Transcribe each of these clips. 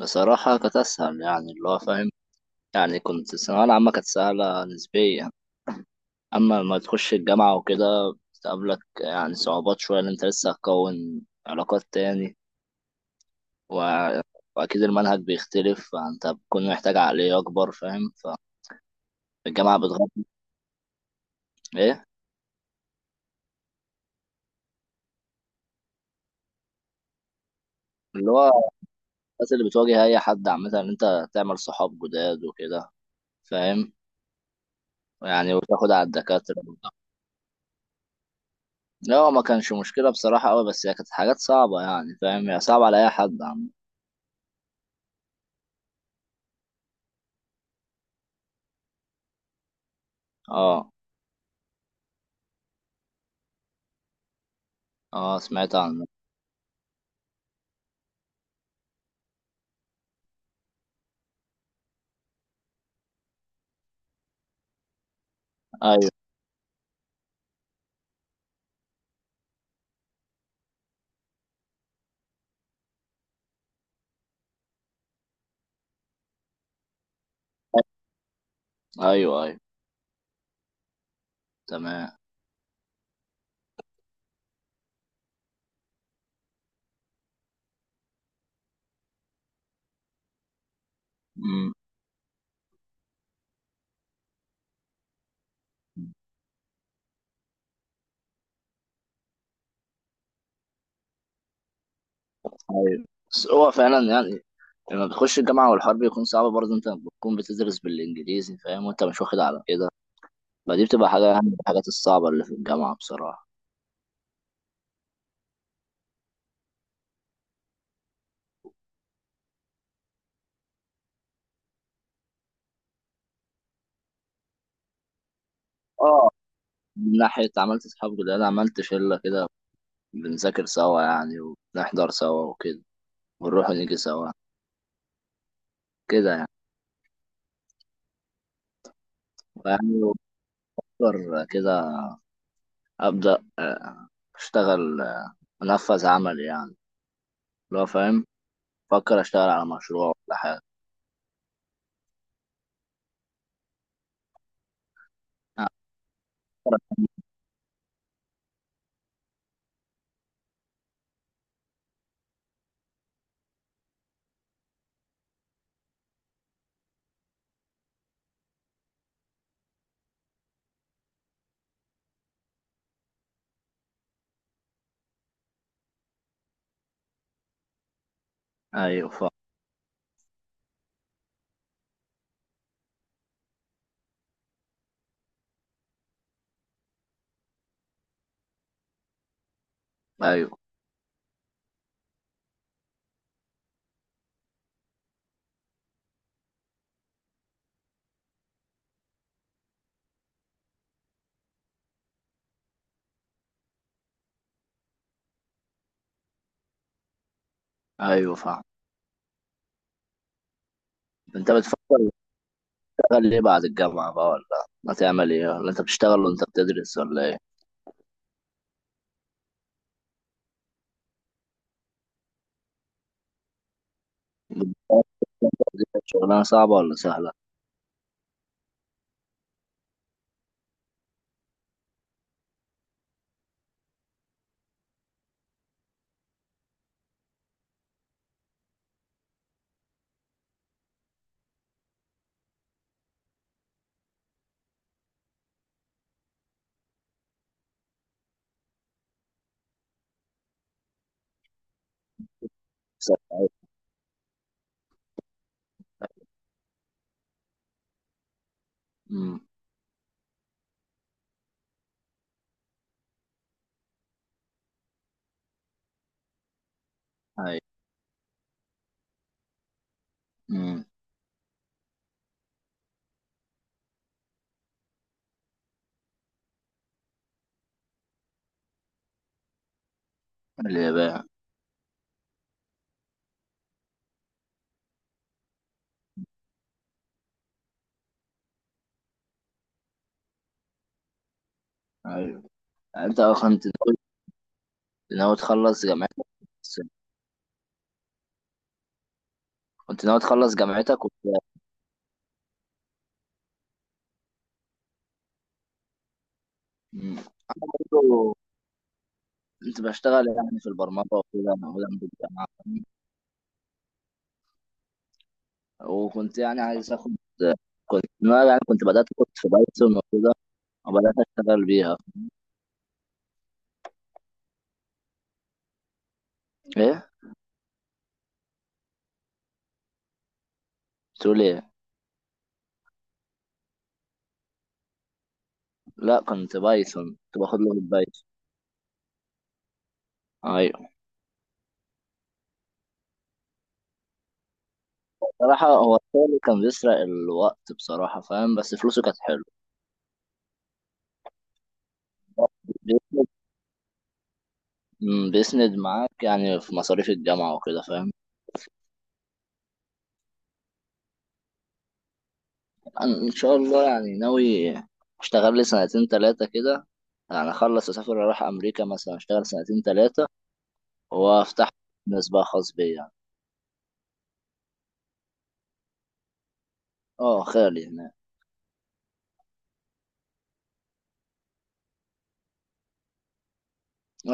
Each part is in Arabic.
بصراحة كانت أسهل، يعني اللي هو فاهم. يعني كنت الثانوية العامة كانت سهلة نسبيا. أما لما تخش الجامعة وكده بتقابلك يعني صعوبات شوية، إن أنت لسه هتكون علاقات تاني و... وأكيد المنهج بيختلف، فأنت بتكون محتاج عقلية أكبر، فاهم؟ فالجامعة بتغطي إيه؟ اللي هو الناس اللي بتواجه أي حد عامة، إن أنت تعمل صحاب جداد وكده، فاهم يعني، وتاخد على الدكاترة. لا، هو ما كانش مشكلة بصراحة أوي، بس هي كانت حاجات صعبة يعني، فاهم؟ هي صعبة على أي حد عامة. اه. اه، سمعت عنه. ايوه ايوه ايوه. تمام. امم. ايوه، بس هو فعلا يعني لما بتخش الجامعه والحرب بيكون صعب، برضه انت بتكون بتدرس بالانجليزي، فاهم؟ وانت مش واخد على كده، فدي بتبقى حاجه يعني من الحاجات الصعبه اللي في الجامعه بصراحه. اه، من ناحيه عملت اصحاب جداد، عملت شله كده، بنذاكر سوا يعني، ونحضر سوا وكده، ونروح ونيجي سوا، كده يعني. فيعني بفكر كده، ابدا اشتغل، انفذ عمل يعني، لو فاهم. بفكر اشتغل على مشروع ولا حاجة. آه، ايوه فاهم. ايوه ايوه فاهم. انت بتفكر تشتغل ايه بعد الجامعة بقى؟ ولا ما تعمل ايه؟ ولا انت بتشتغل وانت بتدرس ولا ايه؟ بتدرس شغلانة صعبة ولا سهلة؟ سهلة. امم. ايوه. امم. اليابان. ايوه، انت كنت ناوي، ناوي تخلص جامعتك بس- كنت ناوي تخلص جامعتك مم. انا برضه كنت بشتغل يعني في البرمجة وكده، أنا أولاً بالجامعة. وكنت يعني عايز اخد، كنت أنا يعني كنت بدأت كنت في بايثون وكده، وبدأت اشتغل بيها. ايه؟ تقول ايه؟ لا، كنت بايثون، كنت باخد لغة بايثون. ايوه. بصراحة هو الشغل كان بيسرق الوقت بصراحة، فاهم؟ بس فلوسه كانت حلوة. بيسند مم، بيسند معاك يعني في مصاريف الجامعة وكده، فاهم. أنا ان شاء الله يعني ناوي اشتغل لي سنتين تلاتة كده، يعني اخلص اسافر، اروح امريكا مثلا اشتغل سنتين تلاتة، وافتح بزنس بقى خاص بيا يعني. اه، خيالي.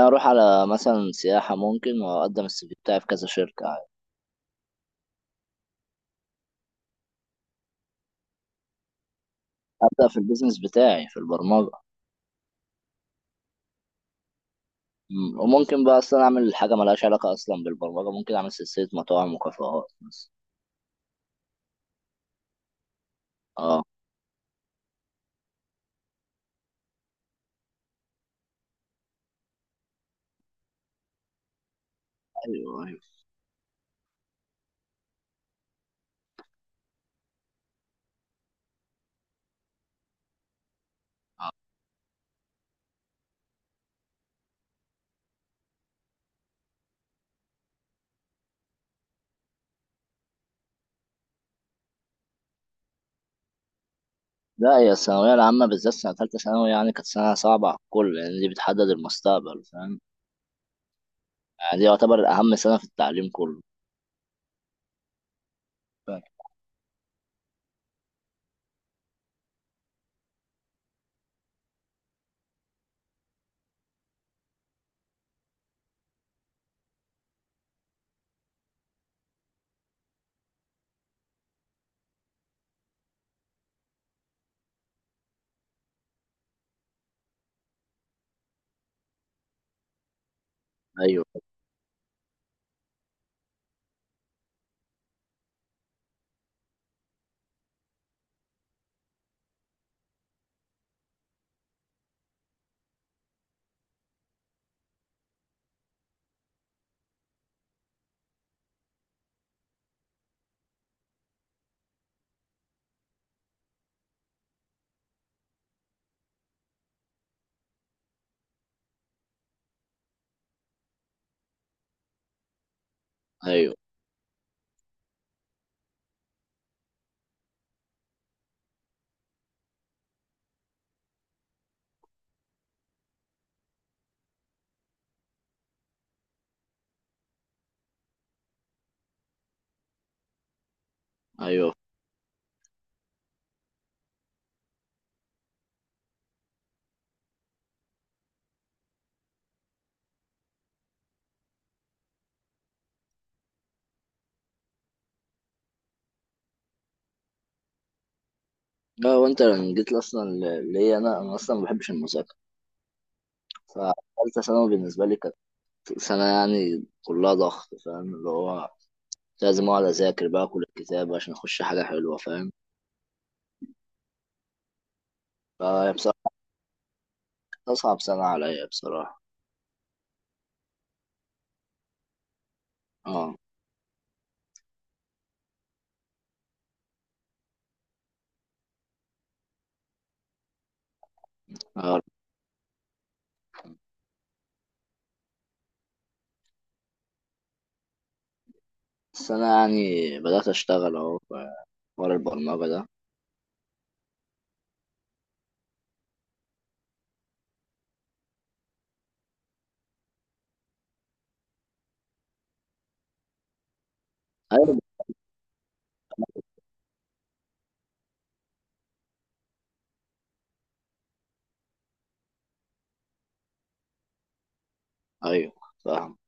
اروح على مثلا سياحة ممكن، واقدم السي في بتاعي في كذا شركة. ابدأ في البيزنس بتاعي في البرمجة. مم، وممكن بقى اصلا اعمل حاجة ملهاش علاقة اصلا بالبرمجة، ممكن اعمل سلسلة مطاعم وكافيهات مثلا. اه. ايوه ايوه. لا، هي الثانوية العامة بالذات سنة تالتة ثانوي يعني كانت سنة صعبة على الكل، لان دي بتحدد المستقبل، فاهم؟ يعني دي يعتبر اهم سنة في التعليم كله. فاهم. ايوه ايوه ايوه. لا، وانت لما جيت لي اصلا ليا، انا اصلا ما بحبش المذاكره، فتالتة ثانوي بالنسبه لي سنة يعني كلها ضغط، فاهم؟ اللي هو لازم أقعد أذاكر بقى كل الكتاب عشان أخش حاجة حلوة، فاهم. فهي بصراحة كانت أصعب سنة عليا بصراحة. اه. آه. السنة يعني بدأت أشتغل أهو في حوار البرمجة ده. أيوه أيوه فاهم.